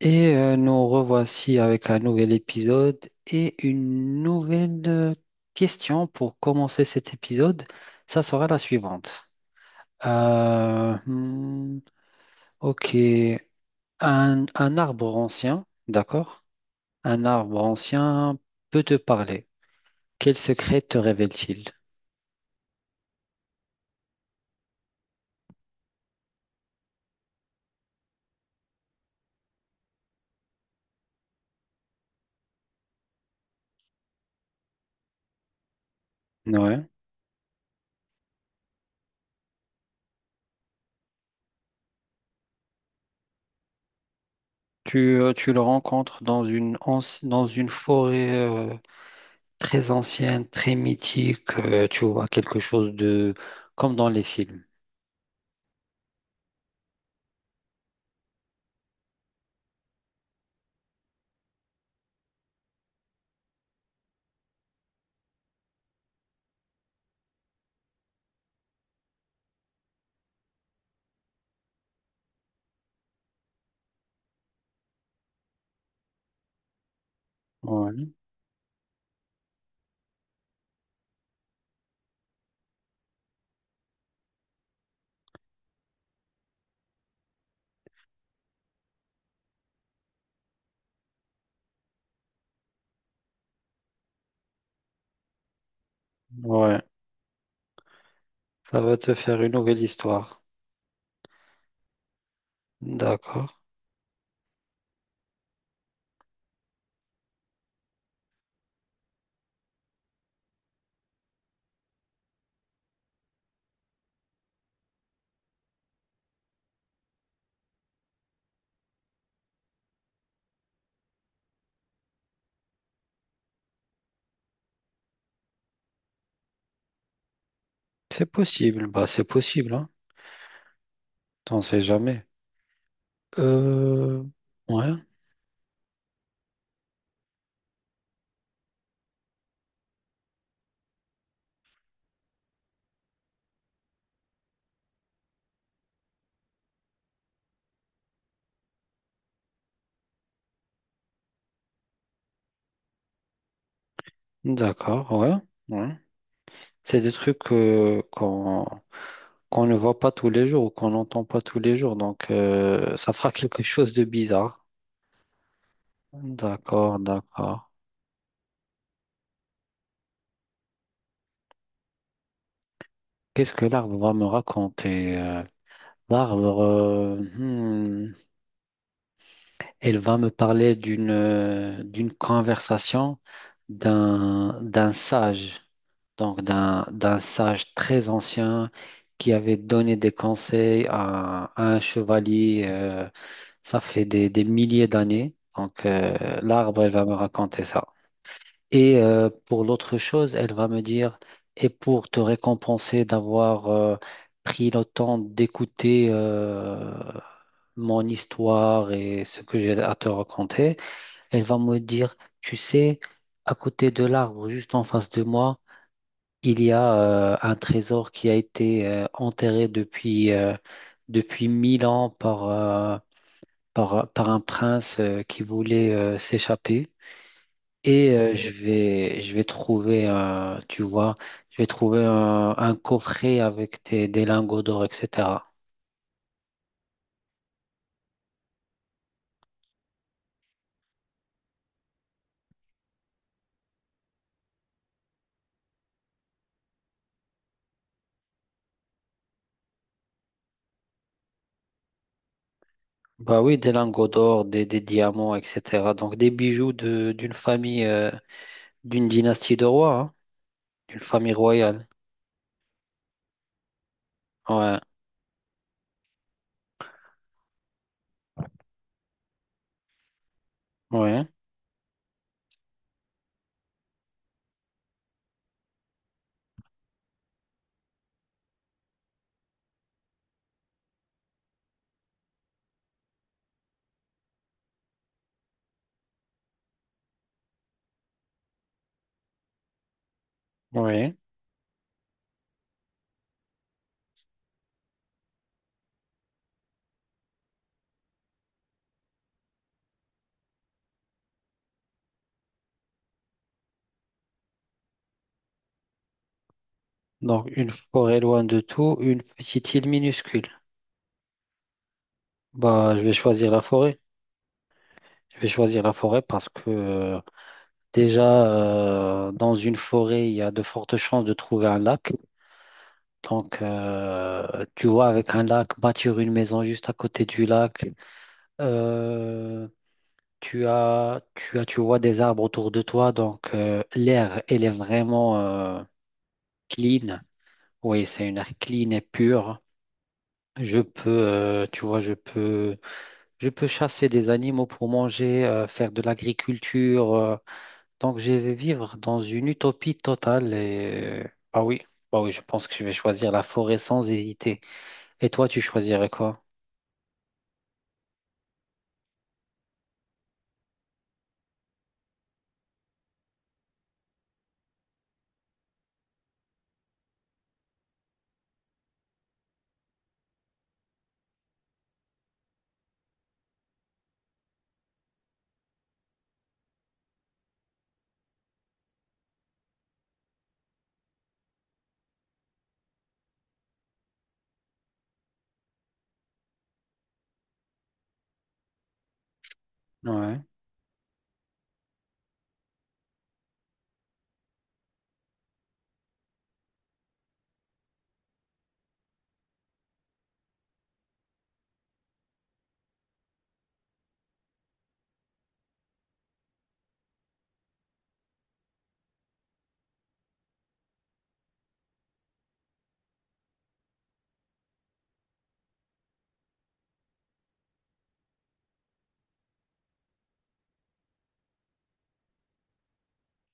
Nous revoici avec un nouvel épisode et une nouvelle question pour commencer cet épisode. Ça sera la suivante. Euh, hmm, ok, un arbre ancien, d'accord? Un arbre ancien peut te parler. Quel secret te révèle-t-il? Ouais. Tu le rencontres dans dans une forêt très ancienne, très mythique. Tu vois quelque chose de comme dans les films. Ouais, ouais. Ça va te faire une nouvelle histoire. D'accord. C'est possible, bah c'est possible, hein. T'en sais jamais. Euh, ouais, d'accord, ouais, ouais. C'est des trucs qu'on ne voit pas tous les jours ou qu'on n'entend pas tous les jours, donc ça fera quelque chose de bizarre. D'accord, d'accord. Qu'est-ce que l'arbre va me raconter? L'arbre, Elle va me parler d'une d'une conversation d'un sage, donc d'un sage très ancien qui avait donné des conseils à un chevalier. Ça fait des milliers d'années. Donc l'arbre, elle va me raconter ça. Et pour l'autre chose, elle va me dire, et pour te récompenser d'avoir pris le temps d'écouter mon histoire et ce que j'ai à te raconter, elle va me dire, tu sais, à côté de l'arbre, juste en face de moi, il y a un trésor qui a été enterré depuis 1000 ans par un prince qui voulait s'échapper. Et je vais trouver, tu vois, je vais trouver un coffret avec des lingots d'or, etc. Bah oui, des lingots d'or, des diamants, etc. Donc des bijoux de, d'une famille, d'une dynastie de rois, hein, d'une famille royale. Ouais, ouais, ouais. Donc une forêt loin de tout, une petite île minuscule. Bah, je vais choisir la forêt. Je vais choisir la forêt parce que déjà, dans une forêt, il y a de fortes chances de trouver un lac. Donc, tu vois, avec un lac, bâtir une maison juste à côté du lac, euh, tu vois des arbres autour de toi, donc l'air, elle est vraiment clean. Oui, c'est une air clean et pure. Je peux, tu vois, je peux, Je peux chasser des animaux pour manger, faire de l'agriculture. Donc, je vais vivre dans une utopie totale. Ah oui, Bah oui, je pense que je vais choisir la forêt sans hésiter. Et toi, tu choisirais quoi? Ouais,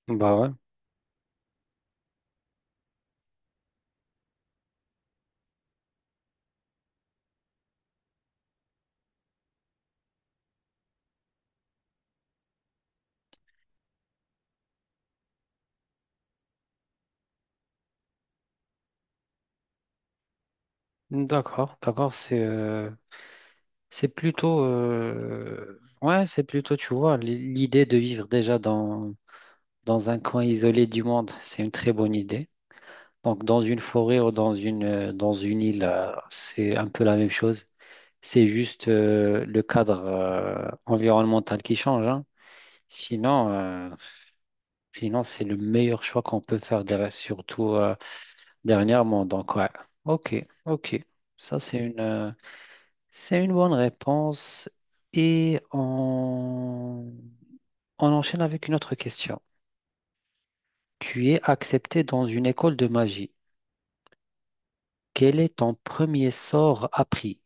bah ouais. D'accord, d'accord. C'est plutôt ouais, c'est plutôt, tu vois, l'idée de vivre déjà dans, dans un coin isolé du monde, c'est une très bonne idée. Donc dans une forêt ou dans une île, c'est un peu la même chose. C'est juste le cadre environnemental qui change, hein. Sinon, sinon c'est le meilleur choix qu'on peut faire, surtout dernièrement. Donc ouais, ok, ok. Ça c'est une C'est une bonne réponse et on enchaîne avec une autre question. Tu es accepté dans une école de magie. Quel est ton premier sort appris?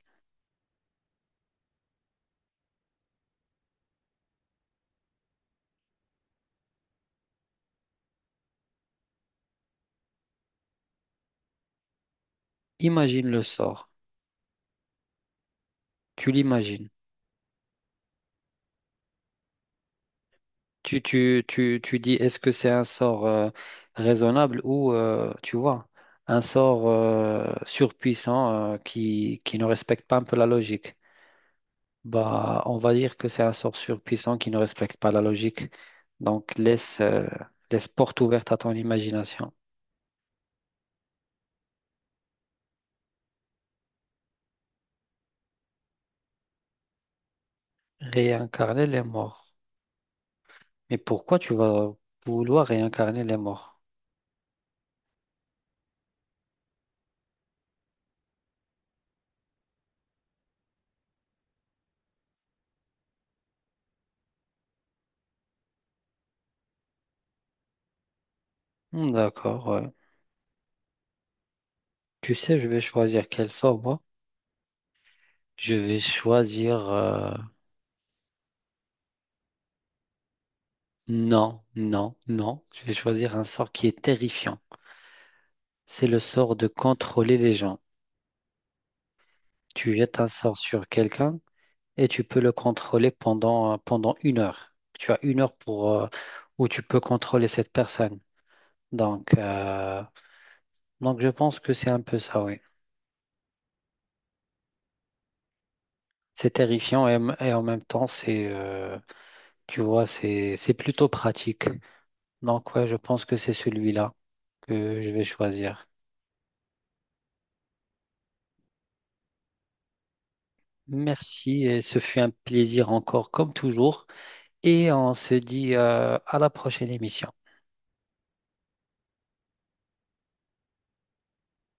Imagine le sort. Tu l'imagines. Tu dis est-ce que c'est un sort raisonnable ou tu vois, un sort surpuissant qui ne respecte pas un peu la logique. Bah, on va dire que c'est un sort surpuissant qui ne respecte pas la logique. Donc, laisse porte ouverte à ton imagination. Réincarner les morts. Mais pourquoi tu vas vouloir réincarner les morts? Hmm, d'accord, ouais. Tu sais, je vais choisir quel sort, moi? Je vais choisir... euh, Non, non, non. Je vais choisir un sort qui est terrifiant. C'est le sort de contrôler les gens. Tu jettes un sort sur quelqu'un. Et tu peux le contrôler pendant 1 heure. Tu as 1 heure pour, où tu peux contrôler cette personne. Donc, euh, donc je pense que c'est un peu ça, oui. C'est terrifiant et et en même temps, tu vois, c'est plutôt pratique. Donc, ouais, je pense que c'est celui-là que je vais choisir. Merci et ce fut un plaisir encore comme toujours. Et on se dit, à la prochaine émission.